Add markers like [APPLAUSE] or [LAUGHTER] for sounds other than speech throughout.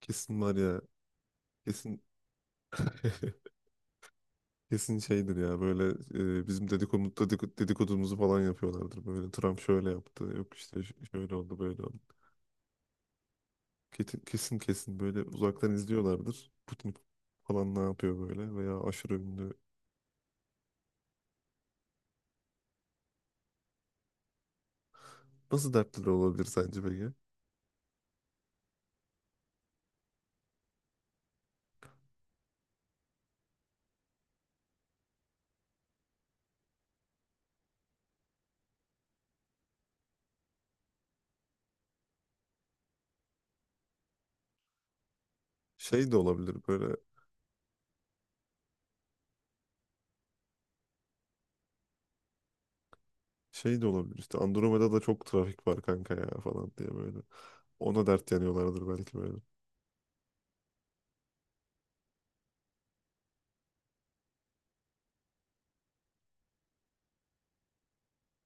Kesin var ya. Kesin. [LAUGHS] Kesin şeydir ya böyle. Bizim dedikodumuzu falan yapıyorlardır. Böyle Trump şöyle yaptı. Yok işte şöyle oldu, böyle oldu. Kesin, kesin, kesin böyle uzaktan izliyorlardır. Putin falan ne yapıyor böyle, veya aşırı ünlü. Nasıl dertleri olabilir sence peki? Şey de olabilir böyle, şey de olabilir işte, Andromeda'da çok trafik var kanka ya falan diye böyle. Ona dert yanıyorlardır belki böyle.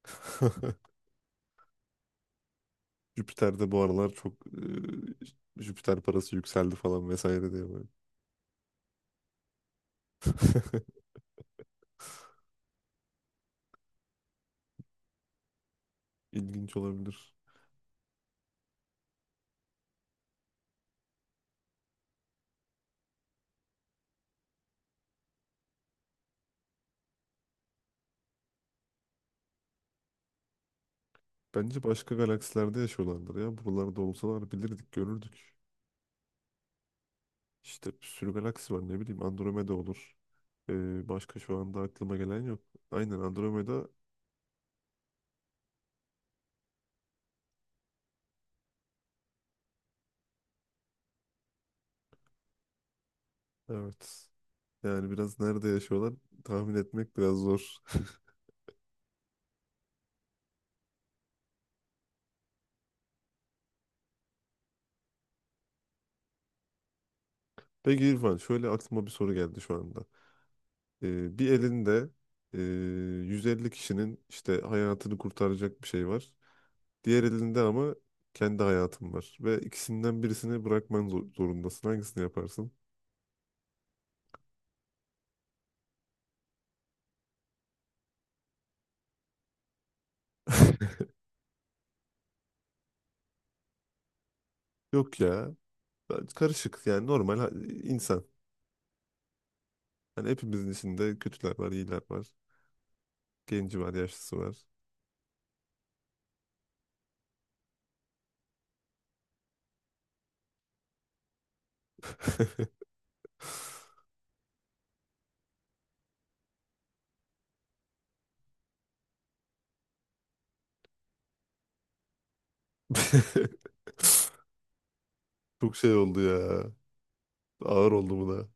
[LAUGHS] Jüpiter'de bu aralar çok, Jüpiter parası yükseldi falan vesaire diye böyle. [LAUGHS] İlginç olabilir. Bence başka galaksilerde yaşıyorlardır ya. Buralarda olsalar bilirdik, görürdük. İşte bir sürü galaksi var, ne bileyim Andromeda olur. Başka şu anda aklıma gelen yok. Aynen, Andromeda, evet. Yani biraz nerede yaşıyorlar, tahmin etmek biraz zor. [LAUGHS] Peki İrfan, şöyle aklıma bir soru geldi şu anda. Bir elinde e, 150 kişinin işte hayatını kurtaracak bir şey var. Diğer elinde ama kendi hayatın var. Ve ikisinden birisini bırakman zorundasın. Hangisini yaparsın? [LAUGHS] Yok ya. Karışık, yani normal insan. Hani hepimizin içinde kötüler var, iyiler var. Genci var, yaşlısı var. [LAUGHS] Çok şey oldu ya. Ağır oldu bu da.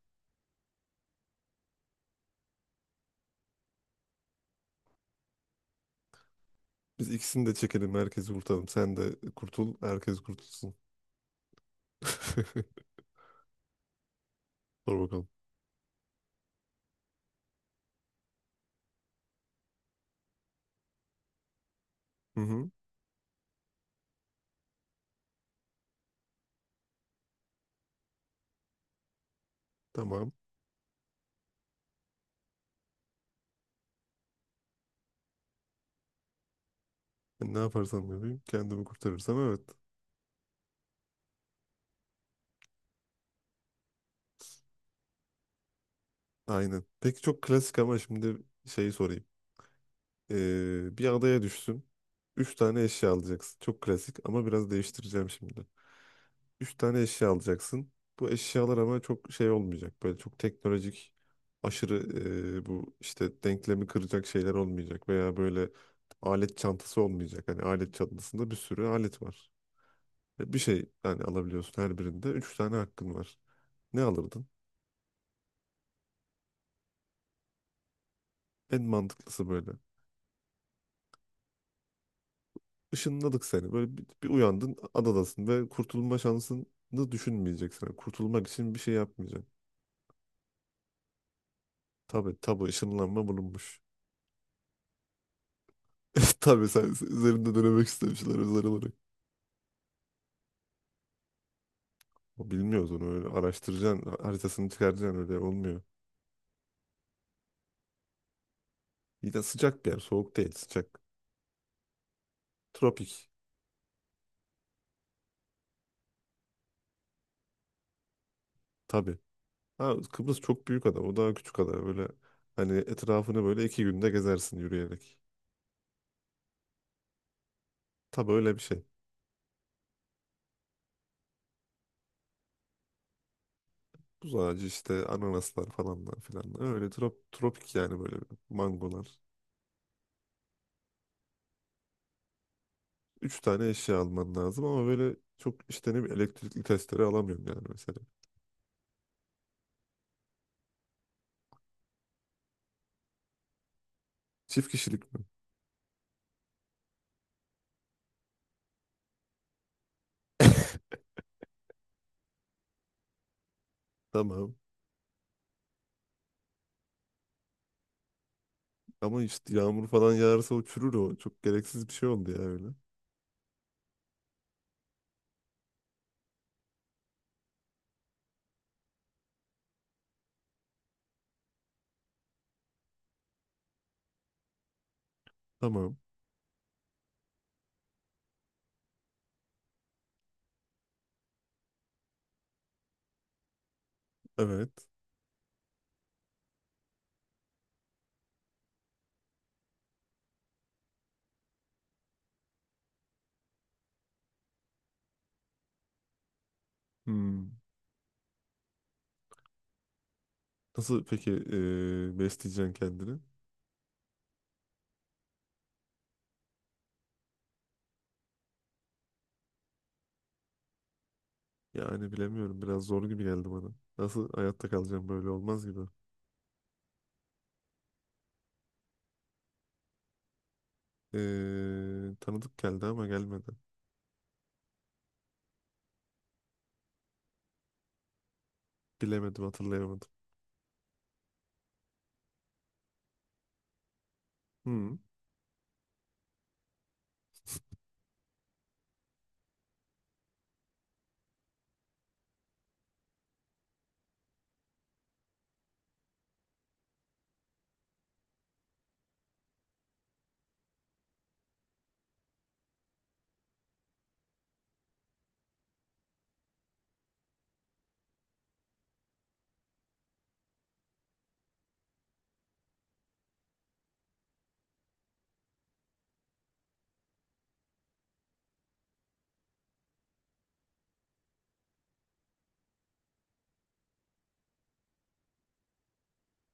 Biz ikisini de çekelim, herkesi kurtaralım. Sen de kurtul, herkes kurtulsun. [LAUGHS] Sor bakalım. Hı hı, tamam. Ben ne yaparsam yapayım, kendimi kurtarırsam evet. Aynen. Peki, çok klasik ama şimdi şeyi sorayım. Bir adaya düşsün. Üç tane eşya alacaksın. Çok klasik ama biraz değiştireceğim şimdi. Üç tane eşya alacaksın. Bu eşyalar ama çok şey olmayacak. Böyle çok teknolojik, aşırı, bu işte denklemi kıracak şeyler olmayacak. Veya böyle alet çantası olmayacak. Hani alet çantasında bir sürü alet var. Ve bir şey yani alabiliyorsun her birinde. Üç tane hakkın var. Ne alırdın? En mantıklısı böyle. Işınladık seni. Böyle bir uyandın, adadasın ve kurtulma şansını düşünmeyeceksin. Yani kurtulmak için bir şey yapmayacaksın. Tabii tabii, ışınlanma bulunmuş. [LAUGHS] Tabii, sen üzerinde dönemek istemişler özel olarak. O, bilmiyoruz onu, öyle araştıracaksın, haritasını çıkaracaksın, öyle olmuyor. Bir de sıcak bir yer, soğuk değil, sıcak. Tropik, tabii. Ha, Kıbrıs çok büyük ada, o daha küçük ada, böyle hani etrafını böyle 2 günde gezersin yürüyerek. Tabii, öyle bir şey. Tuz ağacı işte, ananaslar falanlar filan. Öyle tropik yani, böyle mangolar. Üç tane eşya alman lazım ama böyle çok işte ne bileyim elektrikli testere alamıyorum yani mesela. Çift kişilik mi? Tamam. Ama işte yağmur falan yağarsa o çürür o. Çok gereksiz bir şey oldu ya öyle. Tamam. Evet. Hmm. Nasıl peki besleyeceksin kendini? Yani bilemiyorum. Biraz zor gibi geldi bana. Nasıl hayatta kalacağım, böyle olmaz gibi. Tanıdık geldi ama gelmedi. Bilemedim, hatırlayamadım. Hmm.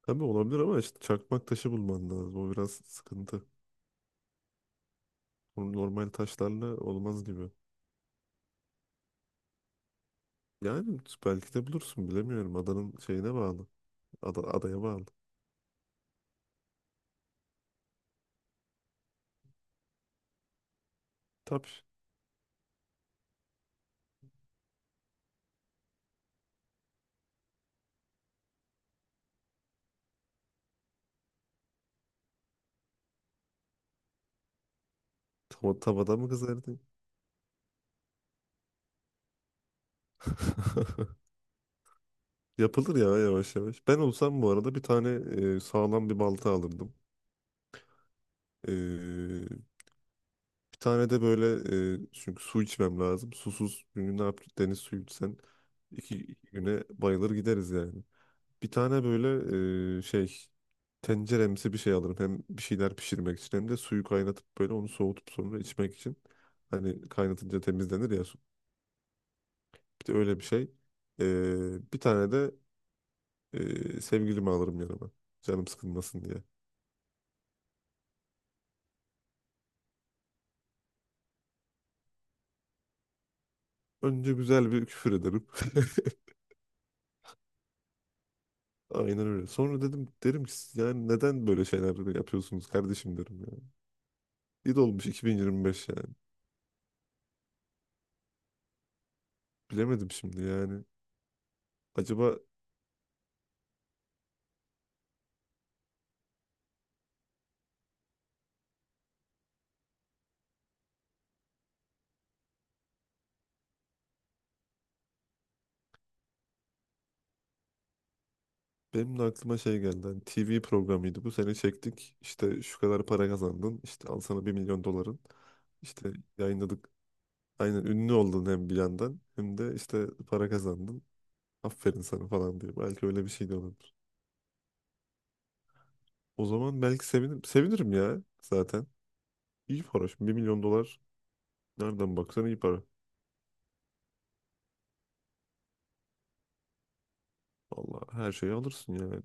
Tabii olabilir ama işte çakmak taşı bulman lazım. O biraz sıkıntı. Onun normal taşlarla olmaz gibi. Yani belki de bulursun, bilemiyorum. Adanın şeyine bağlı. Adaya bağlı. Tabii. Tavada mı kızardın? [LAUGHS] Yapılır ya yavaş yavaş. Ben olsam bu arada bir tane sağlam bir balta alırdım. E, Bir tane de böyle, çünkü su içmem lazım. Susuz günü ne yap, deniz suyu içsen 2 güne bayılır gideriz yani. Bir tane böyle şey, tenceremsi bir şey alırım. Hem bir şeyler pişirmek için hem de suyu kaynatıp böyle onu soğutup sonra içmek için. Hani kaynatınca temizlenir ya su. Bir de öyle bir şey. Bir tane de sevgilimi alırım yanıma. Canım sıkılmasın diye. Önce güzel bir küfür ederim. [LAUGHS] Aynen öyle. Sonra derim ki, "Siz yani neden böyle şeyler yapıyorsunuz kardeşim," derim ya. İyi de olmuş 2025 yani. Bilemedim şimdi yani. Acaba, benim de aklıma şey geldi. Hani TV programıydı. Bu sene çektik. İşte şu kadar para kazandın. İşte al sana 1 milyon doların. İşte yayınladık. Aynen, ünlü oldun hem bir yandan hem de işte para kazandın. Aferin sana falan diye. Belki öyle bir şey de olabilir. O zaman belki sevinirim. Sevinirim ya zaten. İyi para. Şimdi 1 milyon dolar nereden baksan iyi para. Valla her şeyi alırsın yani.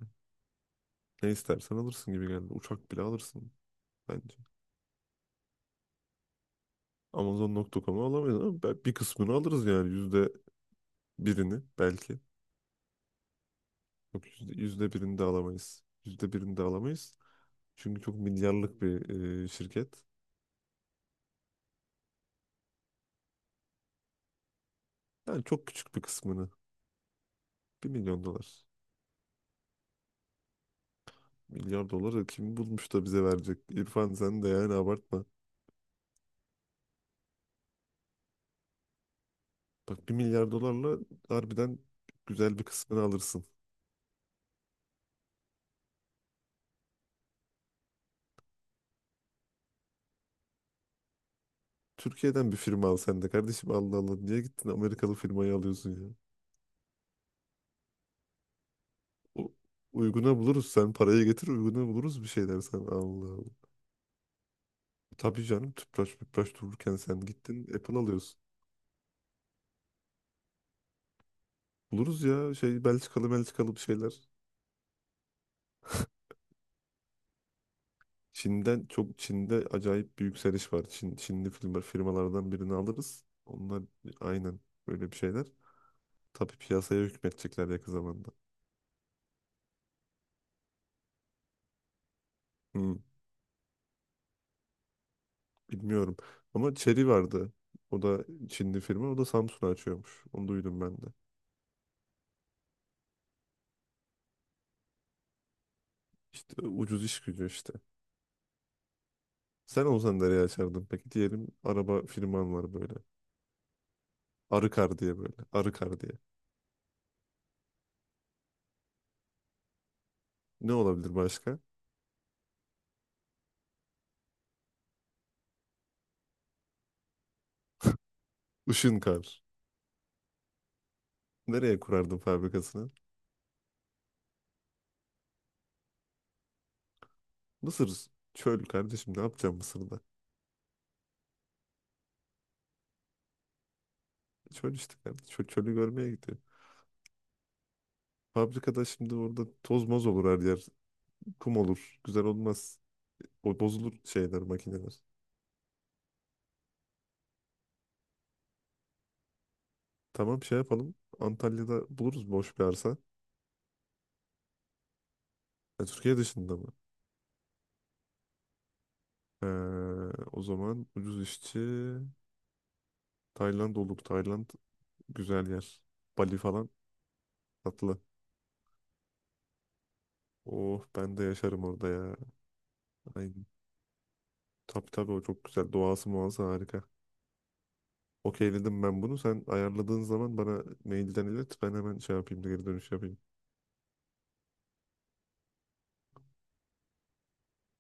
Ne istersen alırsın gibi geldi. Uçak bile alırsın bence. Amazon.com'u alamayız ama bir kısmını alırız yani. Yüzde birini belki. Yok yüzde birini de alamayız. Yüzde birini de alamayız. Çünkü çok milyarlık bir şirket. Yani çok küçük bir kısmını. 1 milyon dolar. Milyar doları kim bulmuş da bize verecek? İrfan, sen de yani abartma. Bak, 1 milyar dolarla harbiden güzel bir kısmını alırsın. Türkiye'den bir firma al sen de kardeşim, Allah Allah. Niye gittin Amerikalı firmayı alıyorsun ya? U- Uyguna buluruz, sen parayı getir, uyguna buluruz bir şeyler, sen. Allah Allah. Tabii canım, tüpraş müpraş dururken sen gittin Apple alıyorsun. Buluruz ya şey, Belçikalı, Belçikalı bir şeyler. Çin'den çok, Çin'de acayip bir yükseliş var. Çin, Çinli firmalardan birini alırız. Onlar aynen böyle bir şeyler. Tabii piyasaya hükmetecekler yakın zamanda. Hı. Bilmiyorum. Ama Chery vardı. O da Çinli firma. O da Samsun'a açıyormuş. Onu duydum ben de. İşte ucuz iş gücü işte. Sen olsan nereye açardın peki? Diyelim araba firman var böyle. Arıkar diye böyle. Arıkar diye. Ne olabilir başka? Işınkar. Nereye kurardın fabrikasını? Mısır. Çöl kardeşim, ne yapacağım Mısır'da? Çöl işte kardeşim. Çöl, çölü görmeye gidiyor. Fabrikada şimdi orada toz moz olur her yer. Kum olur. Güzel olmaz. O bozulur, şeyler, makineler. Tamam, şey yapalım. Antalya'da buluruz boş bir arsa. E, Türkiye dışında mı? Ee, o zaman ucuz işçi, Tayland olur. Tayland güzel yer. Bali falan tatlı. Oh, ben de yaşarım orada ya. Aynen. Tabii tabii, o çok güzel. Doğası muazzam, harika. Okeyledim ben bunu. Sen ayarladığın zaman bana mailden ilet. Ben hemen şey yapayım da geri dönüş yapayım.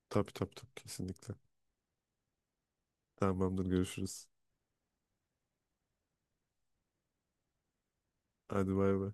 Tabii tabii tabii, kesinlikle. Tamamdır, görüşürüz. Hadi, bay bay.